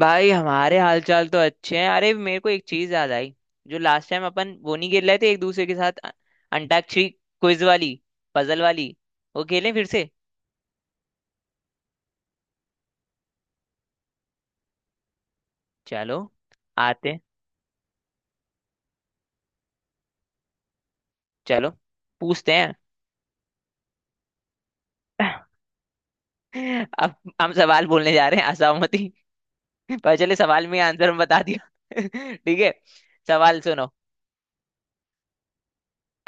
भाई हमारे हालचाल तो अच्छे हैं। अरे मेरे को एक चीज याद आई। जो लास्ट टाइम अपन वो नहीं खेल रहे थे एक दूसरे के साथ अंताक्षरी क्विज वाली, पजल वाली, वो खेलें फिर से। चलो आते हैं, चलो पूछते हैं। अब हम सवाल बोलने जा रहे हैं। असहमति पर चले सवाल में आंसर हम बता दिया। ठीक है, सवाल सुनो।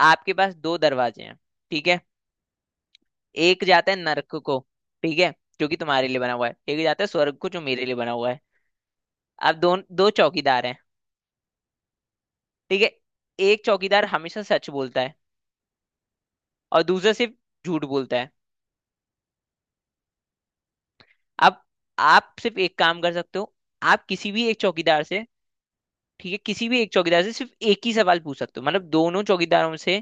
आपके पास दो दरवाजे हैं, ठीक है। एक जाता है नरक को, ठीक है, जो कि तुम्हारे लिए बना हुआ है। एक जाता है स्वर्ग को, जो मेरे लिए बना हुआ है। अब दो, दो चौकीदार हैं, ठीक है। एक चौकीदार हमेशा सच बोलता है और दूसरा सिर्फ झूठ बोलता है। अब आप सिर्फ एक काम कर सकते हो। आप किसी भी एक चौकीदार से, ठीक है, किसी भी एक चौकीदार से सिर्फ एक ही सवाल पूछ सकते हो। मतलब दोनों चौकीदारों से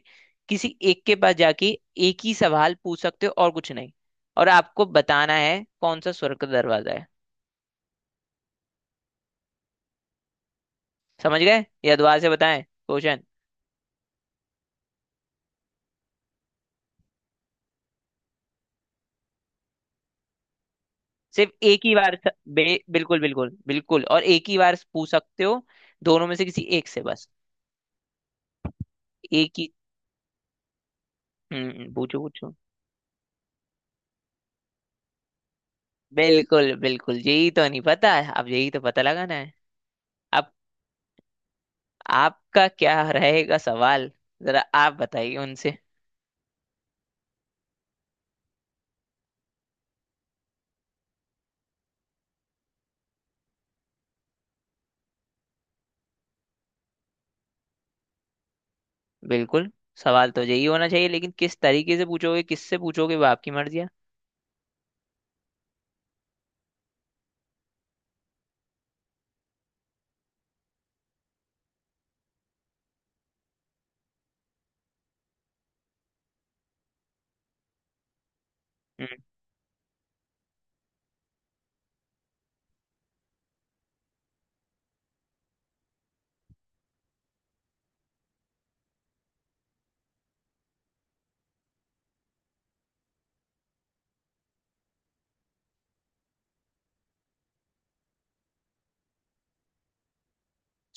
किसी एक के पास जाके एक ही सवाल पूछ सकते हो और कुछ नहीं। और आपको बताना है कौन सा स्वर्ग का दरवाजा है। समझ गए या दोबारा से बताएं क्वेश्चन। सिर्फ एक ही बार बिल्कुल बिल्कुल बिल्कुल, और एक ही बार पूछ सकते हो, दोनों में से किसी एक से बस, एक ही। पूछो पूछो। बिल्कुल बिल्कुल, यही तो नहीं पता है, अब यही तो पता लगाना है। अब आपका क्या रहेगा सवाल, जरा आप बताइए उनसे। बिल्कुल, सवाल तो यही होना चाहिए, लेकिन किस तरीके से पूछोगे, किससे पूछोगे, वो आपकी मर्जी है। हम्म,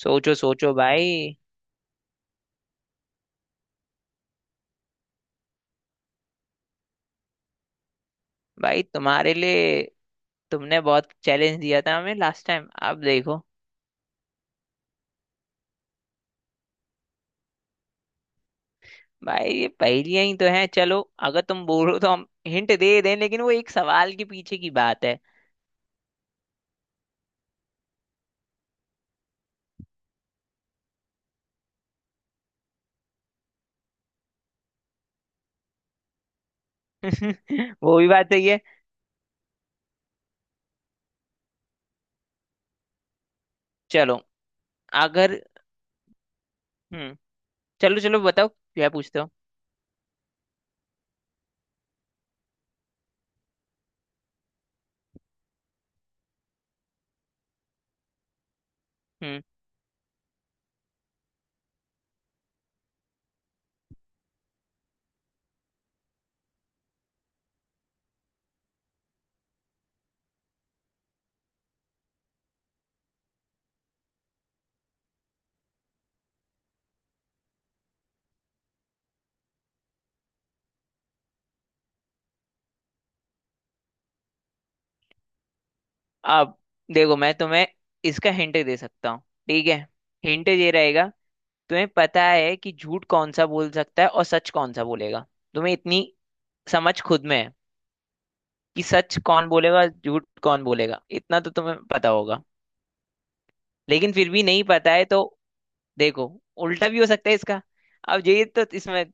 सोचो सोचो भाई। भाई तुम्हारे लिए, तुमने बहुत चैलेंज दिया था हमें लास्ट टाइम, अब देखो। भाई ये पहेलियां ही तो हैं। चलो, अगर तुम बोलो तो हम हिंट दे दें, लेकिन वो एक सवाल के पीछे की बात है। वो भी बात सही है। चलो, अगर, हम्म, चलो चलो बताओ क्या पूछते हो। हम्म, अब देखो, मैं तुम्हें इसका हिंट दे सकता हूँ, ठीक है। हिंट ये रहेगा, तुम्हें पता है कि झूठ कौन सा बोल सकता है और सच कौन सा बोलेगा। तुम्हें इतनी समझ खुद में है कि सच कौन बोलेगा, झूठ कौन बोलेगा, इतना तो तुम्हें पता होगा। लेकिन फिर भी नहीं पता है तो देखो, उल्टा भी हो सकता है इसका। अब ये तो इसमें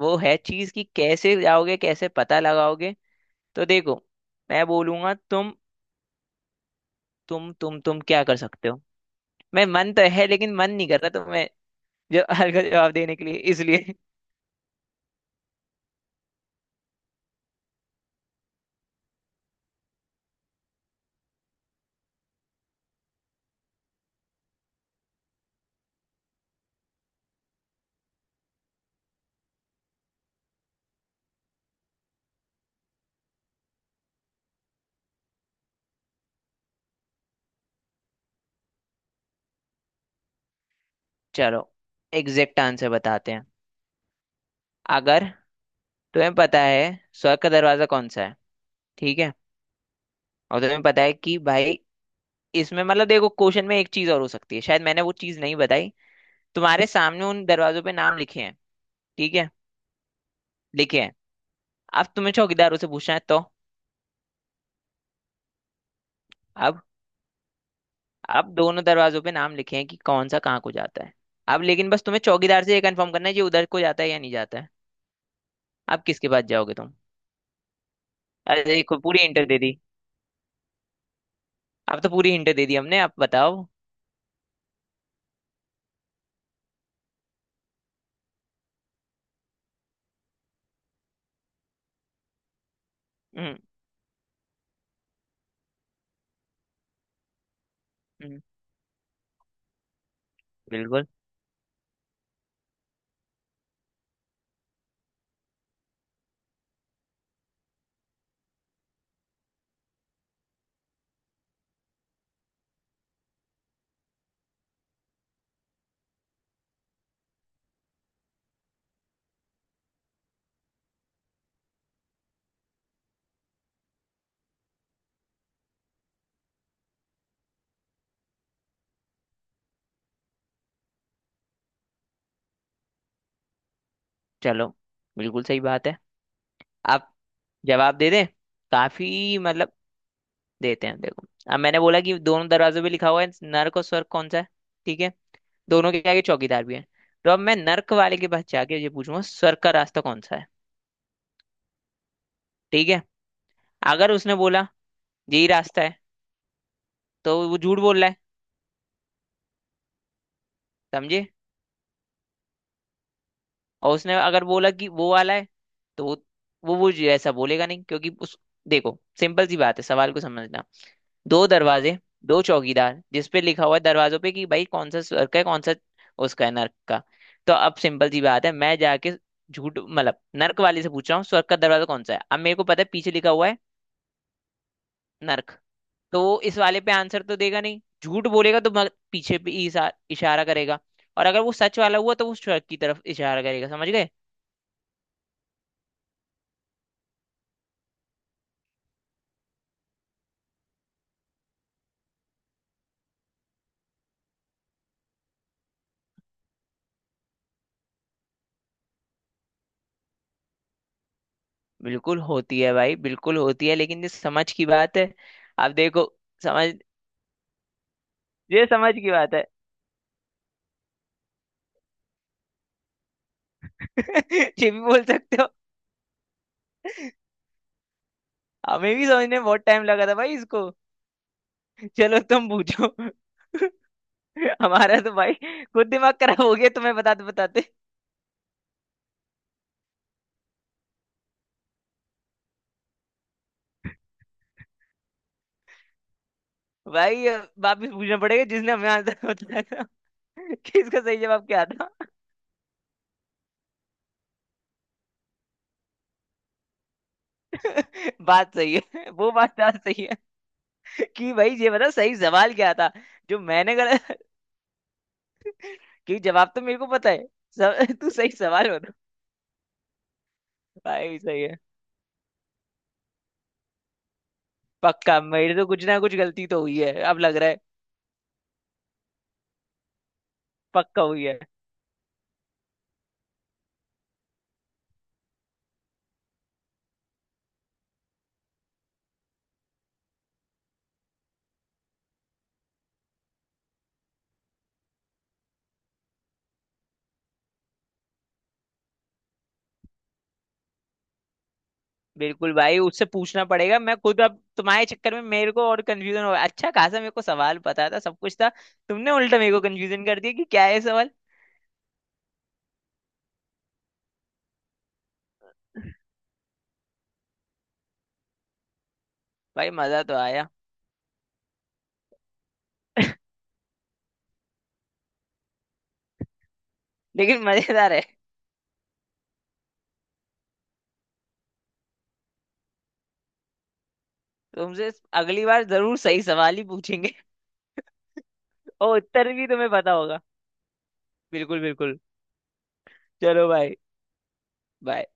वो है चीज कि कैसे जाओगे, कैसे पता लगाओगे। तो देखो, मैं बोलूंगा तुम, तुम क्या कर सकते हो। मैं मन तो है लेकिन मन नहीं कर रहा तो मैं जो हल्का जवाब देने के लिए इसलिए। चलो, एग्जैक्ट आंसर बताते हैं। अगर तुम्हें पता है स्वर्ग का दरवाजा कौन सा है, ठीक है, और तुम्हें पता है कि भाई, इसमें मतलब देखो क्वेश्चन में एक चीज और हो सकती है, शायद मैंने वो चीज नहीं बताई। तुम्हारे सामने उन दरवाजों पे नाम लिखे हैं, ठीक है, लिखे हैं। अब तुम्हें चौकीदारों से पूछना है तो, अब अब दोनों दरवाजों पे नाम लिखे हैं कि कौन सा कहाँ को जाता है। अब लेकिन बस तुम्हें चौकीदार से ये कंफर्म करना है, ये उधर को जाता है या नहीं जाता है। अब किसके पास जाओगे तुम। अरे देखो पूरी हिंट दे दी। अब तो पूरी हिंट दे दी हमने, आप बताओ। हम्म, हम्म, बिल्कुल। चलो, बिल्कुल सही बात है। आप जवाब दे दें काफी मतलब। देते हैं देखो। अब मैंने बोला कि दोनों दरवाजों पे लिखा हुआ है नर्क और स्वर्ग कौन सा है, ठीक है। दोनों के आगे चौकीदार भी है। तो अब मैं नर्क वाले के पास जाके ये पूछूंगा, स्वर्ग का रास्ता कौन सा है, ठीक है। अगर उसने बोला यही रास्ता है, तो वो झूठ बोल रहा है, समझे। और उसने अगर बोला कि वो वाला है, तो वो जो ऐसा बोलेगा नहीं क्योंकि उस, देखो सिंपल सी बात है सवाल को समझना। दो दरवाजे, दो चौकीदार, जिसपे लिखा हुआ है दरवाजों पे कि भाई कौन सा स्वर्ग का है, कौन सा उसका है नर्क का। तो अब सिंपल सी बात है, मैं जाके झूठ मतलब नर्क वाले से पूछ रहा हूँ स्वर्ग का दरवाजा कौन सा है। अब मेरे को पता है पीछे लिखा हुआ है नर्क, तो वो इस वाले पे आंसर तो देगा नहीं, झूठ बोलेगा, तो पीछे पे इशारा करेगा। और अगर वो सच वाला हुआ तो वो स्वर्ग की तरफ इशारा करेगा, समझ गए। बिल्कुल होती है भाई, बिल्कुल होती है, लेकिन ये समझ की बात है। आप देखो, समझ, ये समझ की बात है। ये भी बोल सकते हो, हमें भी समझने में बहुत टाइम लगा था भाई इसको। चलो तुम पूछो। हमारा तो भाई खुद दिमाग खराब हो गया तुम्हें बताते बताते। भाई अब वापस पूछना पड़ेगा जिसने हमें आंसर बताया था कि इसका सही जवाब क्या था। बात सही है, वो बात बात सही है कि भाई ये बता सही सवाल क्या था, जो मैंने गलत, क्योंकि जवाब तो मेरे को पता है सब। तू सही सवाल बता। भाई सही है, पक्का मेरे तो कुछ ना कुछ गलती तो हुई है, अब लग रहा है पक्का हुई है। बिल्कुल भाई, उससे पूछना पड़ेगा। मैं खुद अब तुम्हारे चक्कर में मेरे को और कंफ्यूजन हो, अच्छा खासा मेरे को सवाल पता था, सब कुछ था। तुमने उल्टा मेरे को कंफ्यूजन कर दिया कि क्या है सवाल। भाई मजा तो आया। लेकिन मजेदार है। तुमसे अगली बार जरूर सही सवाल ही पूछेंगे। और उत्तर भी तुम्हें पता होगा। बिल्कुल बिल्कुल। चलो भाई, bye।